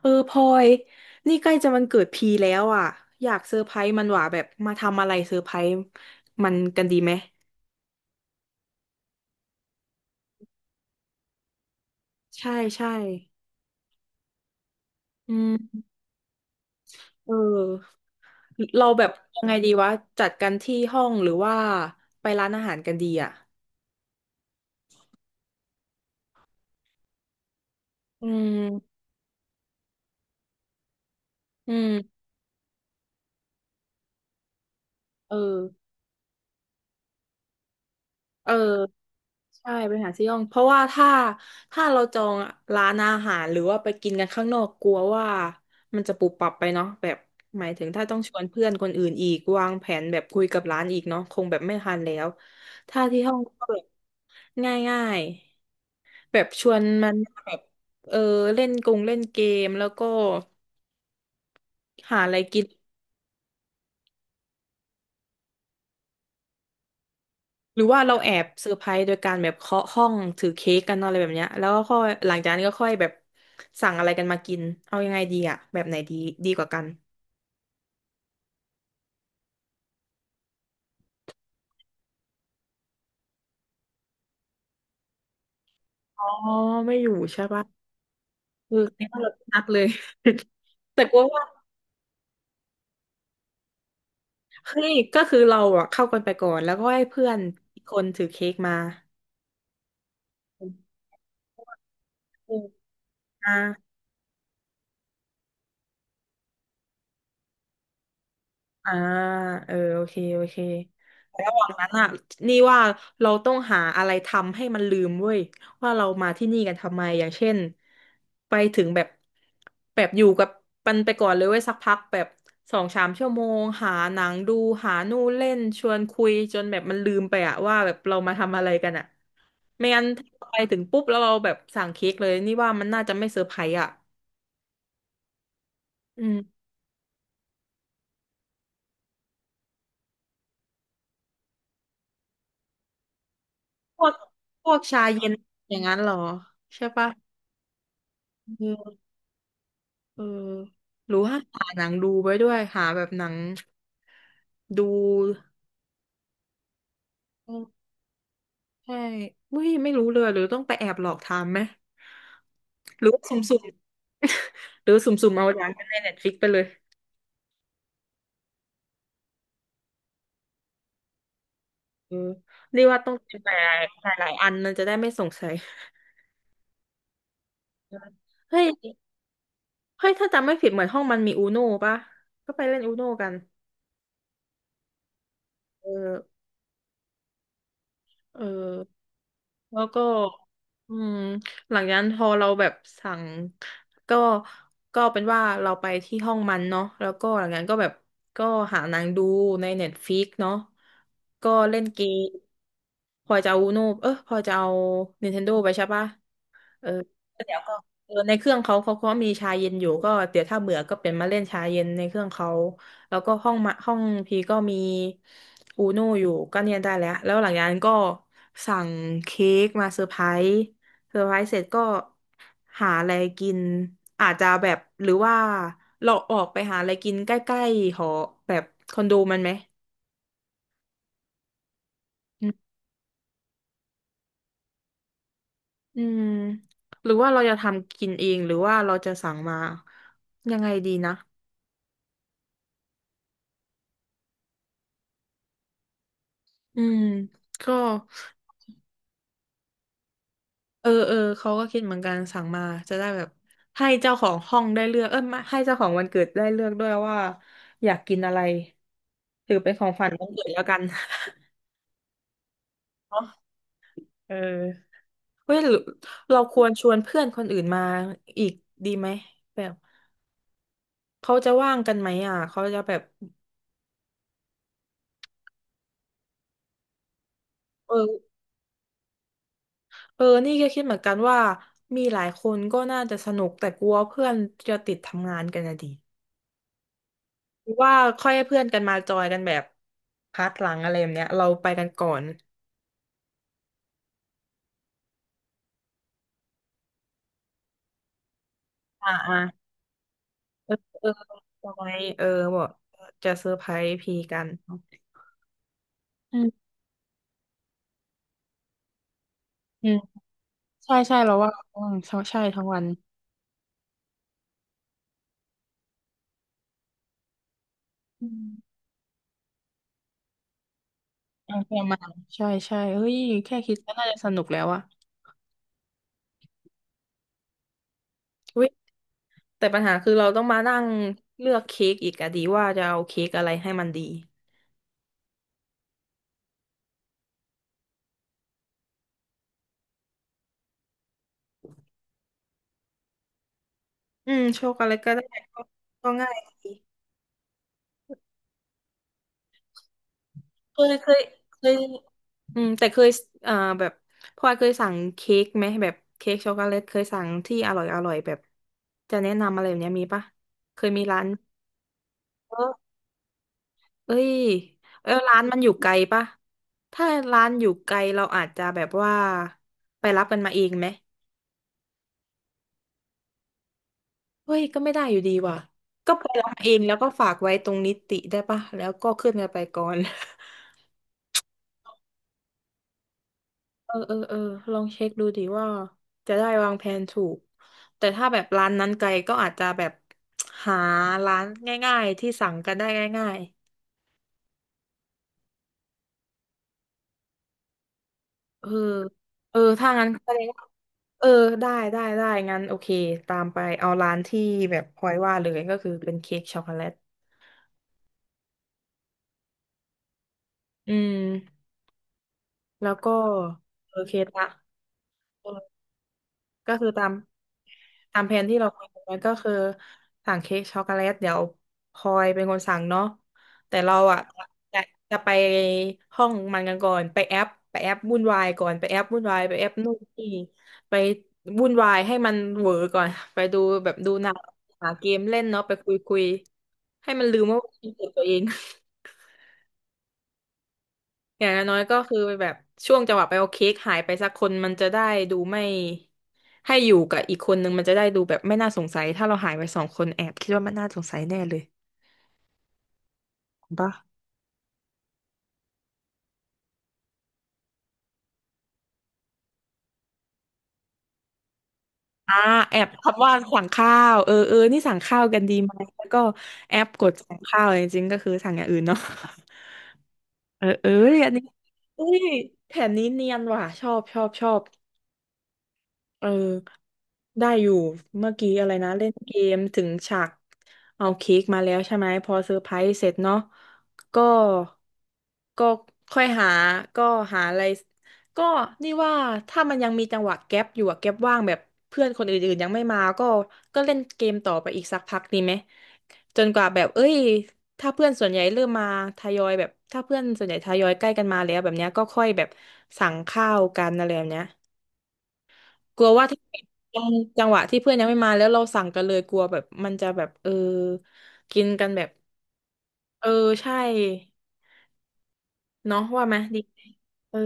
พลอยนี่ใกล้จะวันเกิดพีแล้วอ่ะอยากเซอร์ไพรส์มันหว่าแบบมาทำอะไรเซอร์ไพรส์มันกันดีไหมใช่ใช่อืมเออเราแบบยังไงดีวะจัดกันที่ห้องหรือว่าไปร้านอาหารกันดีอ่ะอืมอืมเออเออ ใช่ไปหาซี่ห้องเพราะว่าถ้าเราจองร้านอาหารหรือว่าไปกินกันข้างนอกกลัวว่ามันจะปุบปับไปเนาะแบบหมายถึงถ้าต้องชวนเพื่อนคนอื่นอีกวางแผนแบบคุยกับร้านอีกเนาะคงแบบไม่ทันแล้วถ้าที่ห้องก็แบบง่ายๆแบบชวนมันแบบเออเล่นกงเล่นเกมแล้วก็หาอะไรกิน หรือว่าเราแอบเซอร์ไพรส์โดยการแบบเคาะห้องถือเค้กกันอะไรแบบเนี้ยแล้วก็ค่อยหลังจากนั้นก็ค่อยแบบสั่งอะไรกันมากินเอายังไงดีอะแบบไหนดีดีกว่ากันอ๋อไม่อยู่ใช่ปะคือนี่เรานัดเลย แต่กลัวว่าเฮ้ยก็คือเราอะเข้ากันไปก่อนแล้วก็ให้เพื่อนอีกคนถือเค้กมาอืมอ่า อ่าโอเคโอเคระหว่างนั้นอ่ะนี่ว่าเราต้องหาอะไรทำให้มันลืมเว้ยว่าเรามาที่นี่กันทำไมอย่างเช่นไปถึงแบบแบบอยู่กับมันไปก่อนเลยเว้ยสักพักแบบสองสามชั่วโมงหาหนังดูหานู่นเล่นชวนคุยจนแบบมันลืมไปอ่ะว่าแบบเรามาทำอะไรกันอ่ะไม่งั้นถ้าเราไปถึงปุ๊บแล้วเราแบบสั่งเค้กเลยนี่ว่ามันน่าจะไม่เซอร์ไพรส์อ่ะอืมพวกพวกชาเย็นอย่างนั้นเหรอใช่ปะ เออหรือว่าหาหนังดูไว้ด้วยหาแบบหนังดูเออใช่เฮ้ยไม่รู้เลยหรือต้องไปแอบหลอกทำไหมหรือว่าสุ่มๆ หรือสุ่มๆเอาอย่างในเน็ตฟิกไปเลยเออนี่ว่าต้องเป็นหลายหลายๆอันมันจะได้ไม่สงสัยเออเฮ้ยเฮ้ยถ้าจำไม่ผิดเหมือนห้องมันมีอูโน่ปะก็ไปเล่นอูโน่กันเออเออ แล้วก็อืมหลังจากนั้นพอเราแบบสั่งก็ก็เป็นว่าเราไปที่ห้องมันเนาะแล้วก็หลังจากนั้นก็แบบก็หาหนางดูในเน็ตฟิกเนาะก็เล่นเกมพลอยจะเอาอูโนอพลอยจะเอา Nintendo ไปใช่ปะ เออแล้วเดี๋ยวก็เออในเครื่องเขาก็มีชาเย็นอยู่ก็เดี๋ยวถ้าเบื่อก็เป็นมาเล่นชาเย็นในเครื่องเขาแล้วก็ห้องมาห้องพีก็มีอูนูอยู่ก็เนี่ยได้แล้วแล้วหลังจากนั้นก็สั่งเค้กมาเซอร์ไพรส์เซอร์ไพรส์เสร็จก็หาอะไรกินอาจจะแบบหรือว่าเราออกไปหาอะไรกินใกล้ๆหอแบบคอนโดมันไหมอืมอืมหรือว่าเราจะทำกินเองหรือว่าเราจะสั่งมายังไงดีนะ อืมก็เออเออเขาก็คิดเหมือนกันสั่งมาจะได้แบบให้เจ้าของห้องได้เลือกไม่ให้เจ้าของวันเกิดได้เลือกด้วยว่าอยากกินอะไรถือเป็นของฝันวันเกิดแล้วกัน เนาะเออเฮ้ยหรือเราควรชวนเพื่อนคนอื่นมาอีกดีไหมแบบเขาจะว่างกันไหมอ่ะเขาจะแบบเออนี่ก็คิดเหมือนกันว่ามีหลายคนก็น่าจะสนุกแต่กลัวเพื่อนจะติดทำงานกันนะดิ หรือว่าค่อยให้เพื่อนกันมาจอยกันแบบพาร์ทหลังอะไรแบบเนี้ยเราไปกันก่อนอ่าอ่าเออเออทำไมเออบอกจะเซอร์ไพรส์พีกันอืมอืมใช่ใช่เราว่าอืมใช่ใช่ทั้งวันอืมเอาเพื่อนมาใช่ใช่เฮ้ยแค่คิดก็น่าจะสนุกแล้วอะอุ๊ยแต่ปัญหาคือเราต้องมานั่งเลือกเค้กอีกอะดีว่าจะเอาเค้กอะไรให้มันดีอืมโชคอะไรก็ได้ก็ก็ง่ายดีเคยเคยเคย อืมแต่เคยเอ่อแบบพลอยเคยสั่งเค้กไหมแบบเค้กช็อกโกแลตเคยสั่งที่อร่อยอร่อยแบบจะแนะนำอะไรแบบเนี้ยมีปะเคยมีร้านเออเอ้ยเออร้านมันอยู่ไกลปะถ้าร้านอยู่ไกลเราอาจจะแบบว่าไปรับกันมาเองไหมเฮ้ยก็ไม่ได้อยู่ดีว่ะก็ไปรับมาเองแล้วก็ฝากไว้ตรงนิติได้ปะแล้วก็ขึ้นกันไปก่อน เออเออเออลองเช็คดูดิว่าจะได้วางแผนถูกแต่ถ้าแบบร้านนั้นไกลก็อาจจะแบบหาร้านง่ายๆที่สั่งกันได้ง่ายๆเออเออถ้างั้นแสดงว่าเออได้ได้ได้งั้นโอเคตามไปเอาร้านที่แบบพลอยว่าเลยก็คือเป็นเค้กช็อกโกแลตอืมแล้วก็โอเคละ ก็คือตามแผนที่เราคุยกันไว้ก็คือสั่งเค้กช็อกโกแลตเดี๋ยวพลอยเป็นคนสั่งเนาะแต่เราอ่ะจะจะไปห้องมันกันก่อนไปแอปไปแอปวุ่นวายก่อนไปแอปวุ่นวายไปแอปนู่นนี่ไปวุ่นวายให้มันเหวอก่อนไปดูแบบดูหนังหาเกมเล่นเนาะไปคุยให้มันลืมว่าเป็นตัวเอง อย่างน้อยก็คือแบบช่วงจังหวะไปเอาเค้กหายไปสักคนมันจะได้ดูไม่ให้อยู่กับอีกคนนึงมันจะได้ดูแบบไม่น่าสงสัยถ้าเราหายไปสองคนแอบคิดว่ามันน่าสงสัยแน่เลยถูกปะอ่าแอบคำว่าสั่งข้าวเออเออนี่สั่งข้าวกันดีไหมแล้วก็แอปกดสั่งข้าวจริงๆก็คือสั่งอย่างอื่นเนาะ เออเอออันนี้อุ้ยแผนนี้เนียนว่ะชอบชอบชอบเออ ได้อยู่เมื่อกี้อะไรนะเล่นเกมถึงฉากเอาเค้กมาแล้วใช่ไหมพอเซอร์ไพรส์เสร็จเนาะก็ก็ค่อยหาก็หาอะไรก็นี่ว่าถ้ามันยังมีจังหวะแก๊ปอยู่อะแก๊ปว่างแบบเพื่อนคนอื่นๆยังไม่มาก็เล่นเกมต่อไปอีกสักพักดีไหมจนกว่าแบบเอ้ยถ้าเพื่อนส่วนใหญ่เริ่มมาทยอยแบบถ้าเพื่อนส่วนใหญ่ทยอยใกล้กันมาแล้วแบบเนี้ยก็ค่อยแบบสั่งข้าวกันอะไรแบบเนี้ย กลัวว่าถ้าจังจังหวะที่เพื่อนยังไม่มาแล้วเราสั่งกันเลยกลัวแบบมันจะแบบเออกินกันแบบเออใช่เนาะว่าไหมดีเออ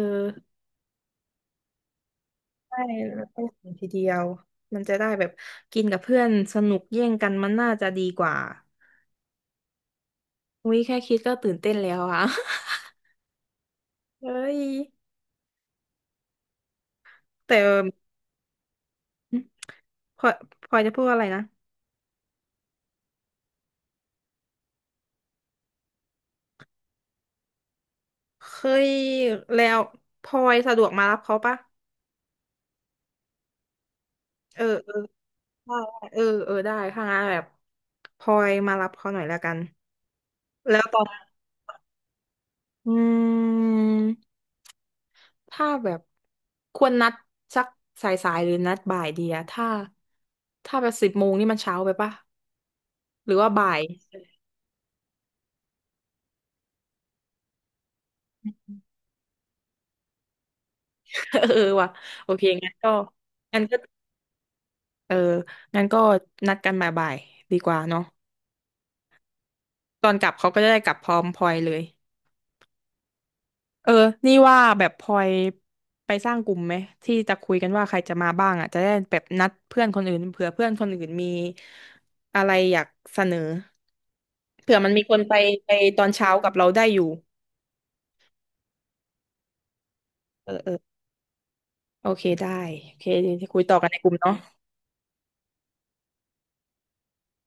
ใช่แล้วก็สั่งทีเดียวมันจะได้แบบกินกับเพื่อนสนุกแย่งกันมันน่าจะดีกว่าอุ้ยแค่คิดก็ตื่นเต้นแล้วอะ เฮ้ยแต่พลอยพลอยจะพูดอะไรนะเคยแล้วพลอยสะดวกมารับเขาปะเออ ได้เออเออได้ถ้างั้นแบบพลอยมารับเขาหน่อยแล้วกันแล้วตอนอืมถ้าแบบควรนัดสักสายๆหรือนัดบ่ายดีอะถ้าแบบ10 โมงนี่มันเช้าไปปะหรือว่าบ่าย เออว่ะโอเคงั้นก็เอองั้นก็นัดกันบ่ายๆดีกว่าเนาะตอนกลับเขาก็จะได้กลับพร้อมพลอยเลย เออนี่ว่าแบบพลอยไปสร้างกลุ่มไหมที่จะคุยกันว่าใครจะมาบ้างอ่ะจะได้แบบนัดเพื่อนคนอื่นเผื่อเพื่อนคนอื่นมีอะไรอยากเสนอเผื่อมันมีคนไปไปตอนเช้ากับเราได้อยู่เออเออโอเคได้โอเคเดี๋ยวจะคุยต่อกันในกลุ่มเนาะ